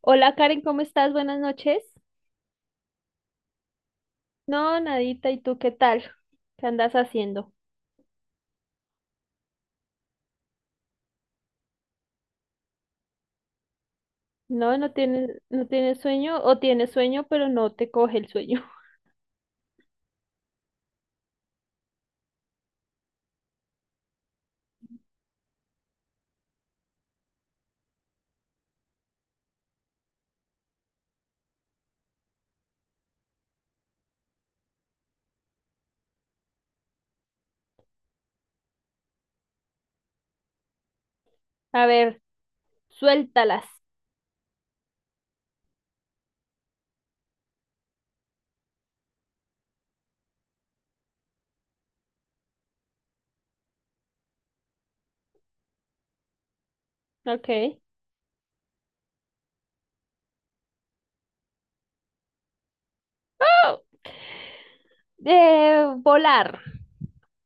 Hola Karen, ¿cómo estás? Buenas noches. No, nadita, ¿y tú qué tal? ¿Qué andas haciendo? No, no tienes sueño o tienes sueño, pero no te coge el sueño. A ver, suéltalas. Ok. Volar,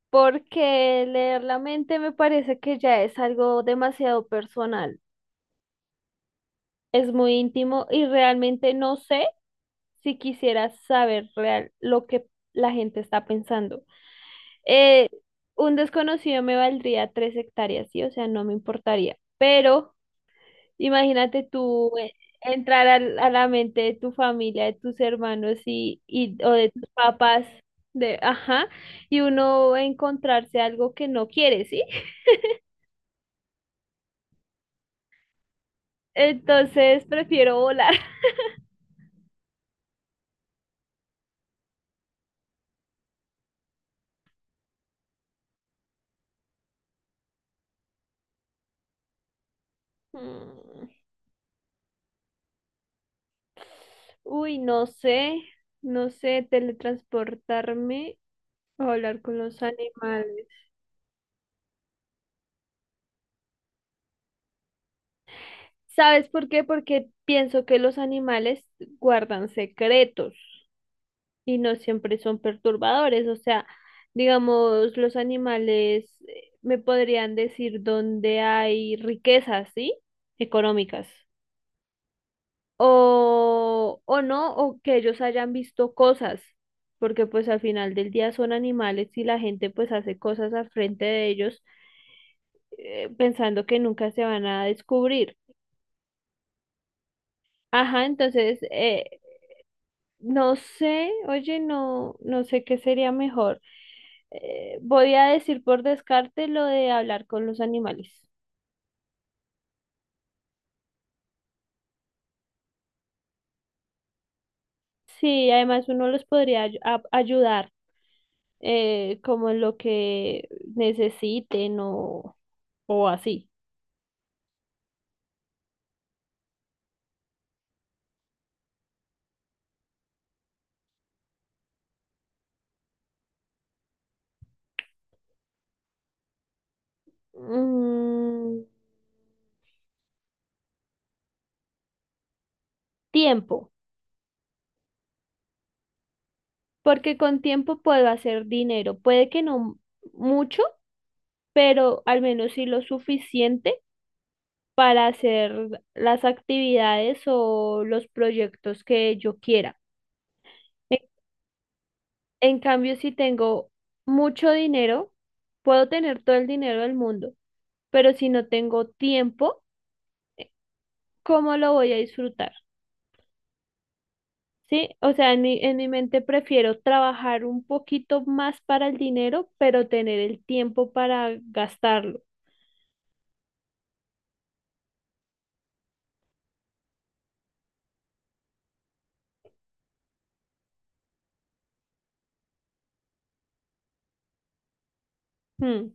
porque leer la mente me parece que ya es algo demasiado personal. Es muy íntimo y realmente no sé si quisiera saber real lo que la gente está pensando. Eh, un desconocido me valdría 3 hectáreas, ¿sí? O sea, no me importaría. Pero imagínate tú, entrar a la mente de tu familia, de tus hermanos o de tus papás, ajá, y uno encontrarse algo que no quiere, ¿sí? Entonces prefiero volar. Mm, uy, no sé, teletransportarme o hablar con los animales. ¿Sabes por qué? Porque pienso que los animales guardan secretos y no siempre son perturbadores. O sea, digamos, los animales, me podrían decir dónde hay riquezas, ¿sí? Económicas. O no, o que ellos hayan visto cosas, porque pues al final del día son animales y la gente pues hace cosas al frente de ellos, pensando que nunca se van a descubrir. Ajá, entonces, no sé, oye, no, no sé qué sería mejor. Voy a decir por descarte lo de hablar con los animales. Sí, además uno los podría ayudar, como en lo que necesiten, o así. Mm, tiempo, porque con tiempo puedo hacer dinero. Puede que no mucho, pero al menos sí lo suficiente para hacer las actividades o los proyectos que yo quiera. En, en cambio, si tengo mucho dinero, puedo tener todo el dinero del mundo, pero si no tengo tiempo, ¿cómo lo voy a disfrutar? Sí, o sea, en mi mente prefiero trabajar un poquito más para el dinero, pero tener el tiempo para gastarlo. Hmm,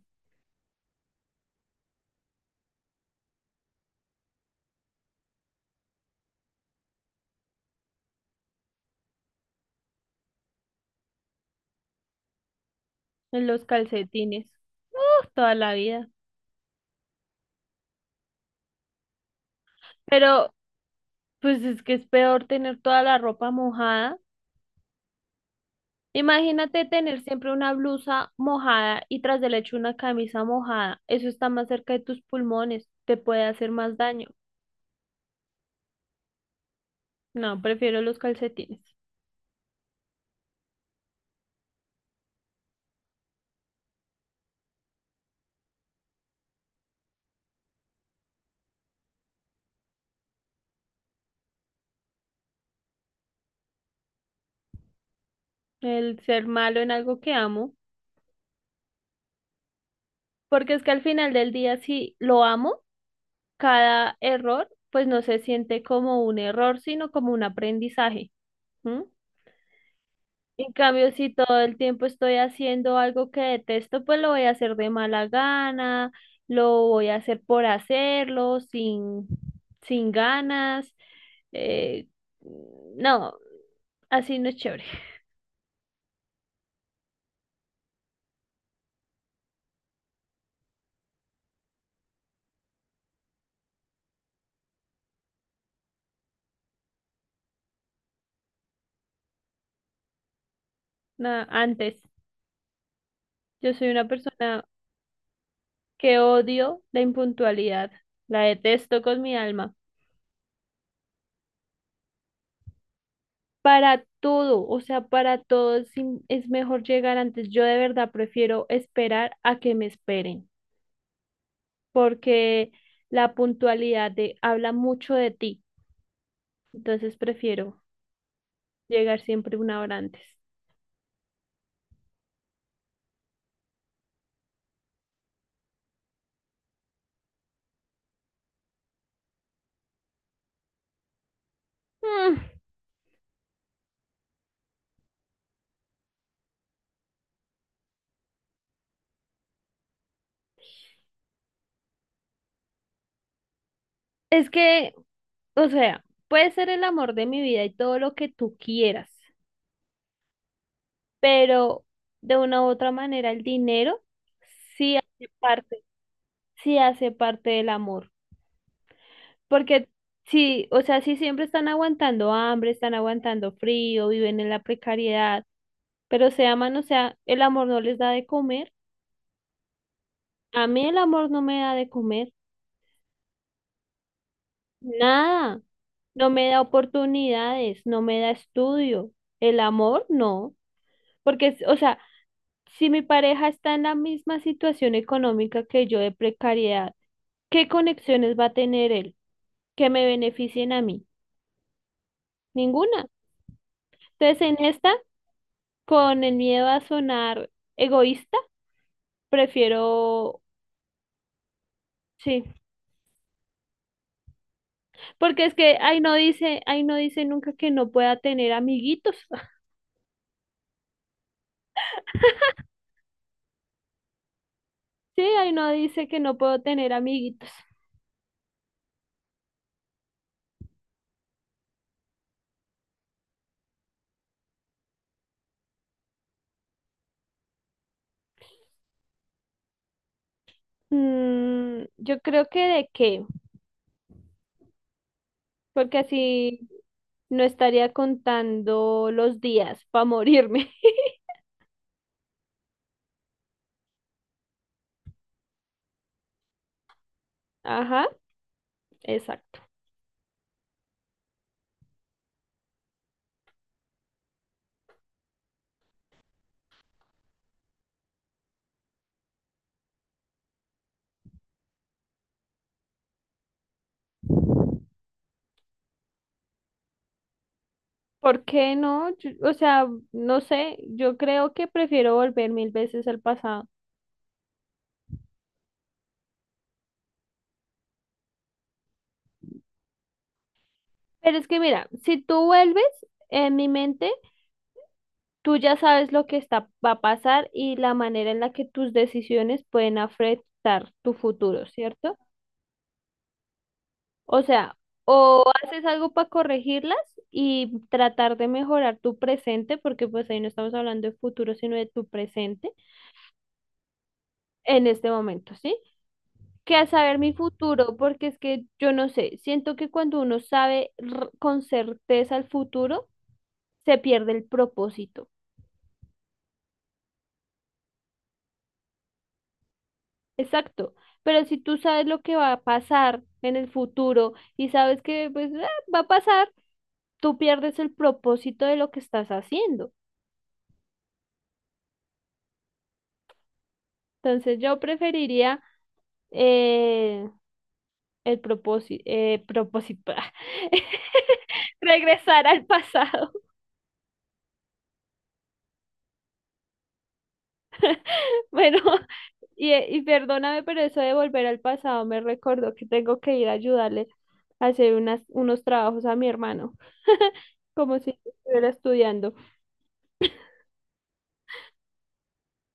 en los calcetines. Uf, toda la vida. Pero pues es que es peor tener toda la ropa mojada. Imagínate tener siempre una blusa mojada y tras del hecho una camisa mojada. Eso está más cerca de tus pulmones, te puede hacer más daño. No, prefiero los calcetines. El ser malo en algo que amo, porque es que al final del día si lo amo, cada error pues no se siente como un error, sino como un aprendizaje. ¿M? En cambio, si todo el tiempo estoy haciendo algo que detesto, pues lo voy a hacer de mala gana, lo voy a hacer por hacerlo, sin ganas. eh, no, así no es chévere. No, antes, yo soy una persona que odio la impuntualidad, la detesto con mi alma. Para todo, o sea, para todo es mejor llegar antes. Yo de verdad prefiero esperar a que me esperen. Porque la puntualidad, habla mucho de ti, entonces prefiero llegar siempre una hora antes. Mm, es que, o sea, puede ser el amor de mi vida y todo lo que tú quieras, pero de una u otra manera el dinero sí hace parte, sí hace parte del amor, porque sí, o sea, sí siempre están aguantando hambre, están aguantando frío, viven en la precariedad, pero se aman, o sea, el amor no les da de comer. A mí el amor no me da de comer nada, no me da oportunidades, no me da estudio. El amor no, porque, o sea, si mi pareja está en la misma situación económica que yo, de precariedad, ¿qué conexiones va a tener él que me beneficien a mí? Ninguna. Entonces, en esta, con el miedo a sonar egoísta, prefiero, sí, porque es que ahí no dice nunca que no pueda tener amiguitos. Sí, ahí no dice que no puedo tener amiguitos. Yo creo que de qué, porque así no estaría contando los días para morirme. Ajá, exacto. ¿Por qué no? O sea, no sé, yo creo que prefiero volver 1.000 veces al pasado. Pero es que mira, si tú vuelves, en mi mente, tú ya sabes lo que va a pasar y la manera en la que tus decisiones pueden afectar tu futuro, ¿cierto? O sea, o haces algo para corregirlas y tratar de mejorar tu presente, porque pues ahí no estamos hablando de futuro, sino de tu presente en este momento, ¿sí? Que a saber mi futuro, porque es que yo no sé, siento que cuando uno sabe, con certeza, el futuro, se pierde el propósito. Exacto. Pero si tú sabes lo que va a pasar en el futuro y sabes que pues, va a pasar, tú pierdes el propósito de lo que estás haciendo. Entonces yo preferiría, eh, el propósito, eh, propósito, regresar al pasado. Bueno, y perdóname, pero eso de volver al pasado me recordó que tengo que ir a ayudarle a hacer unos trabajos a mi hermano, como si estuviera estudiando.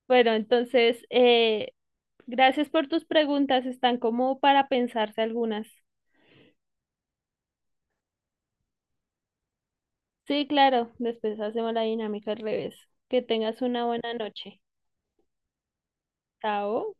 Bueno, entonces, gracias por tus preguntas, están como para pensarse algunas. Sí, claro, después hacemos la dinámica al revés. Que tengas una buena noche. Chao.